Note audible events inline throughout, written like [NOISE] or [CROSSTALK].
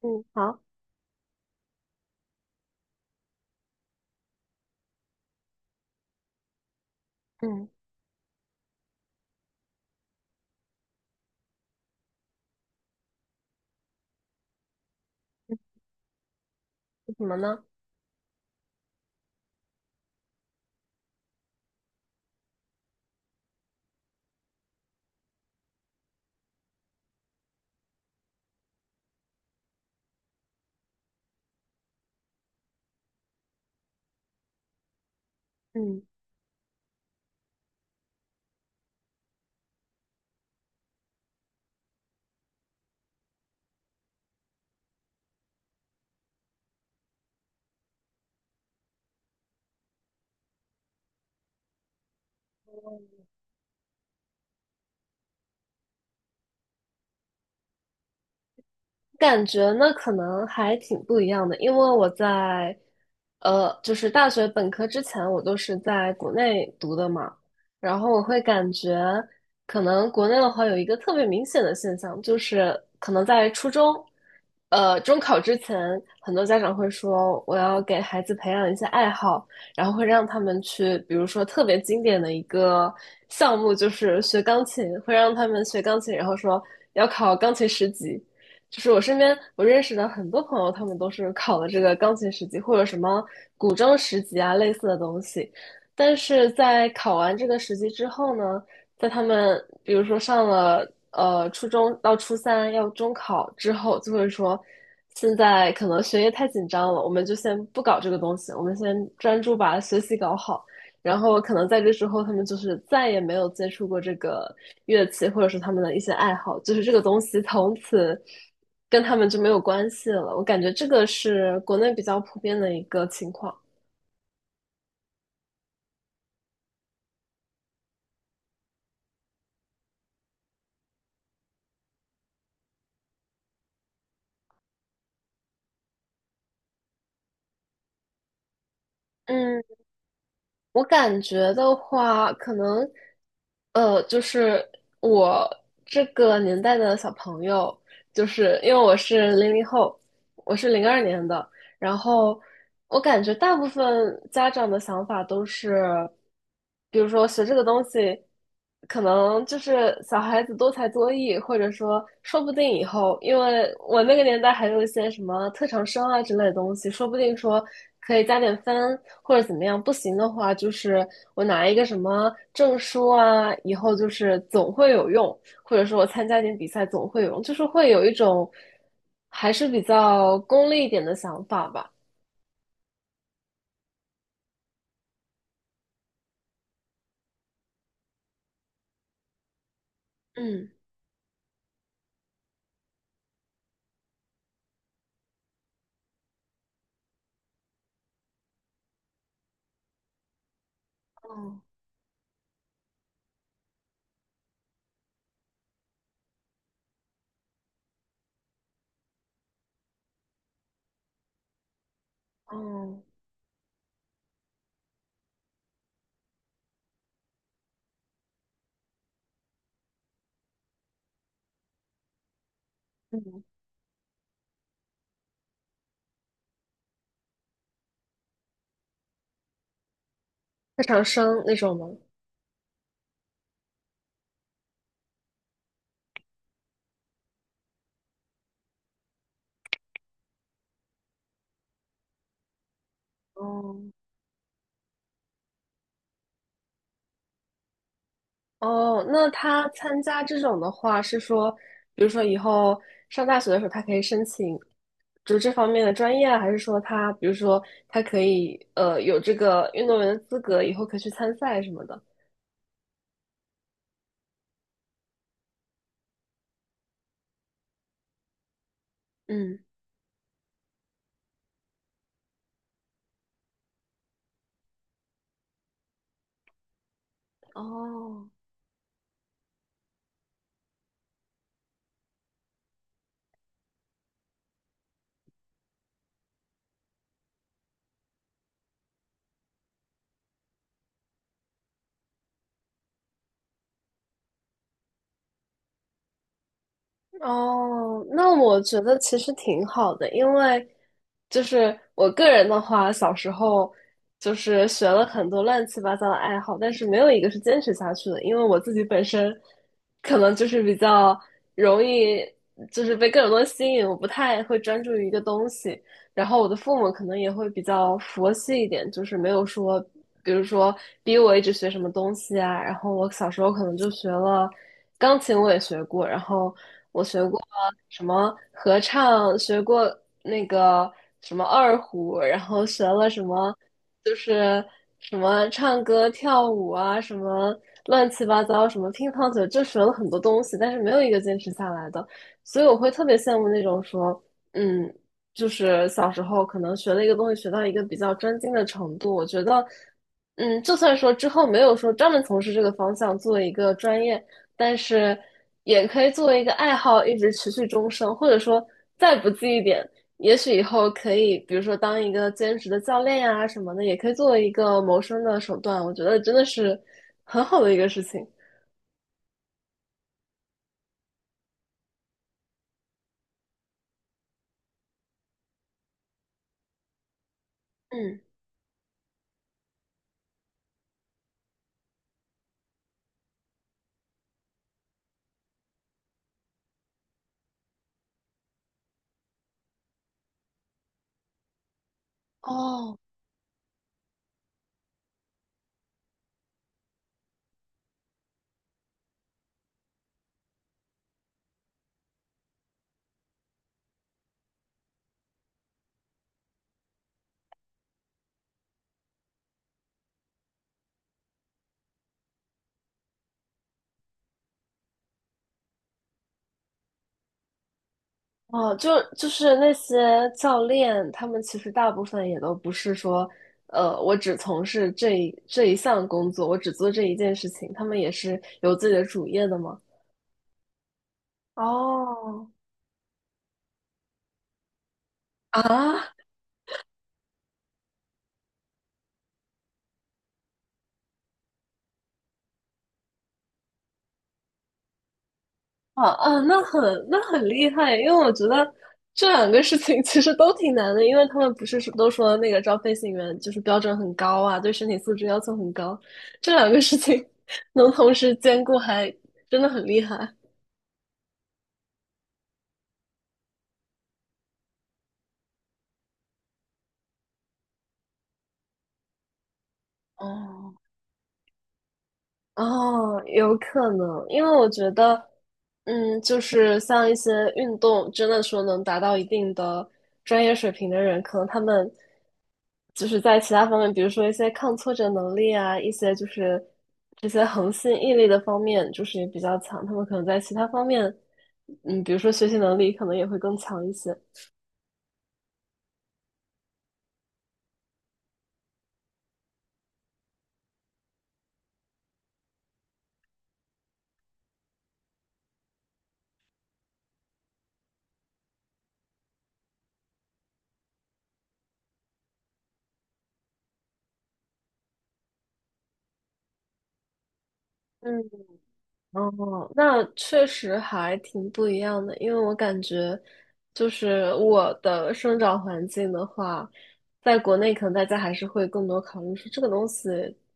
嗯，好，嗯，是什么呢？嗯。感觉呢，可能还挺不一样的，因为我在，就是大学本科之前，我都是在国内读的嘛，然后我会感觉，可能国内的话有一个特别明显的现象，就是可能在初中，中考之前，很多家长会说我要给孩子培养一些爱好，然后会让他们去，比如说特别经典的一个项目就是学钢琴，会让他们学钢琴，然后说要考钢琴十级。就是我身边我认识的很多朋友，他们都是考了这个钢琴十级或者什么古筝十级啊类似的东西，但是在考完这个十级之后呢，在他们比如说上了初中到初三要中考之后，就会说现在可能学业太紧张了，我们就先不搞这个东西，我们先专注把学习搞好。然后可能在这之后，他们就是再也没有接触过这个乐器，或者是他们的一些爱好，就是这个东西从此跟他们就没有关系了。我感觉这个是国内比较普遍的一个情况。嗯，我感觉的话，可能就是我这个年代的小朋友，就是因为我是00后，我是02年的，然后我感觉大部分家长的想法都是，比如说学这个东西，可能就是小孩子多才多艺，或者说说不定以后，因为我那个年代还有一些什么特长生啊之类的东西，说不定说可以加点分或者怎么样，不行的话就是我拿一个什么证书啊，以后就是总会有用，或者说我参加点比赛总会有用，就是会有一种。还是比较功利一点的想法吧。嗯，哦哦，嗯，特长生那种吗？哦哦，那他参加这种的话，是说，比如说以后上大学的时候，他可以申请，就这方面的专业啊，还是说他，比如说他可以有这个运动员的资格，以后可以去参赛什么的？嗯，哦。哦，那我觉得其实挺好的，因为就是我个人的话，小时候就是学了很多乱七八糟的爱好，但是没有一个是坚持下去的，因为我自己本身可能就是比较容易就是被各种东西吸引，我不太会专注于一个东西，然后我的父母可能也会比较佛系一点，就是没有说，比如说逼我一直学什么东西啊。然后我小时候可能就学了钢琴，我也学过，然后我学过什么合唱，学过那个什么二胡，然后学了什么就是什么唱歌、跳舞啊，什么乱七八糟，什么乒乓球，就学了很多东西，但是没有一个坚持下来的。所以我会特别羡慕那种说，嗯，就是小时候可能学了一个东西，学到一个比较专精的程度，我觉得，就算说之后没有说专门从事这个方向做一个专业，但是也可以作为一个爱好一直持续终生，或者说再不济一点，也许以后可以，比如说当一个兼职的教练呀、什么的，也可以作为一个谋生的手段。我觉得真的是很好的一个事情。嗯，哦，哦，就是那些教练，他们其实大部分也都不是说，我只从事这一项工作，我只做这一件事情，他们也是有自己的主业的吗？哦，啊，啊啊，那很厉害，因为我觉得这两个事情其实都挺难的，因为他们不是说都说那个招飞行员就是标准很高啊，对身体素质要求很高，这两个事情 [LAUGHS] 能同时兼顾还真的很厉害。哦。哦，有可能，因为我觉得，就是像一些运动，真的说能达到一定的专业水平的人，可能他们就是在其他方面，比如说一些抗挫折能力啊，一些就是这些恒心毅力的方面，就是也比较强。他们可能在其他方面，比如说学习能力，可能也会更强一些。嗯。哦，那确实还挺不一样的，因为我感觉，就是我的生长环境的话，在国内可能大家还是会更多考虑说这个东西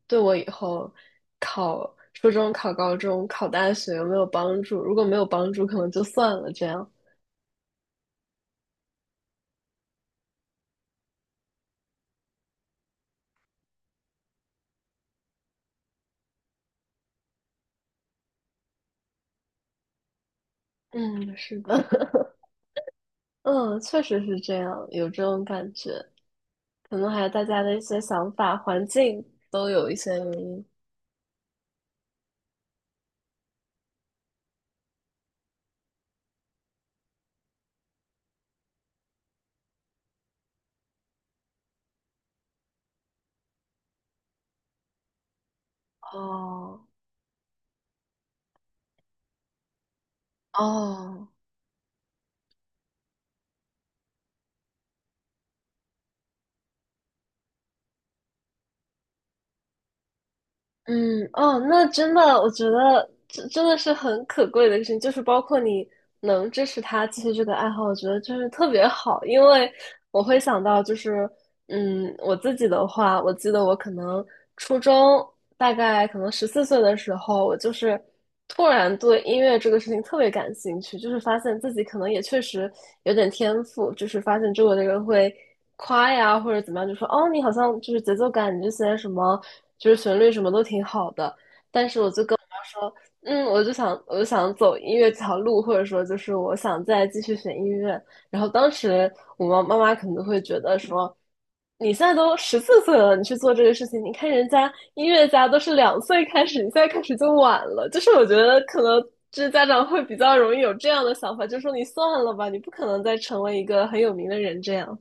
对我以后考初中、考高中、考大学有没有帮助，如果没有帮助，可能就算了这样。嗯，是的，[LAUGHS] 嗯，确实是这样，有这种感觉，可能还有大家的一些想法、环境都有一些原因。哦，哦。嗯，哦，那真的，我觉得这真的是很可贵的事情，就是包括你能支持他继续这个爱好，我觉得就是特别好，因为我会想到就是，我自己的话，我记得我可能初中大概可能十四岁的时候，我就是突然对音乐这个事情特别感兴趣，就是发现自己可能也确实有点天赋，就是发现周围的人会夸呀或者怎么样，就说哦，你好像就是节奏感，你这些什么就是旋律什么都挺好的。说，我就想走音乐这条路，或者说就是我想再继续学音乐。然后当时我妈妈可能会觉得说，你现在都十四岁了，你去做这个事情，你看人家音乐家都是2岁开始，你现在开始就晚了。就是我觉得可能就是家长会比较容易有这样的想法，就说你算了吧，你不可能再成为一个很有名的人这样。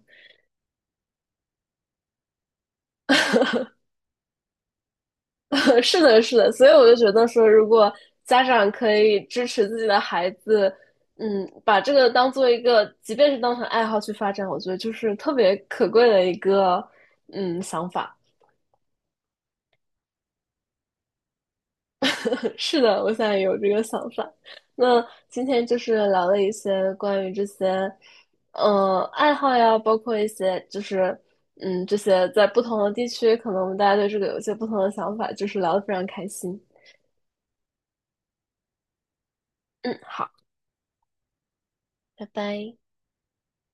[LAUGHS] 是的，是的，所以我就觉得说，如果家长可以支持自己的孩子，把这个当做一个，即便是当成爱好去发展，我觉得就是特别可贵的一个，想法。[LAUGHS] 是的，我现在有这个想法。那今天就是聊了一些关于这些，爱好呀，包括一些就是，这些在不同的地区，可能我们大家对这个有一些不同的想法，就是聊的非常开心。嗯，好，拜拜。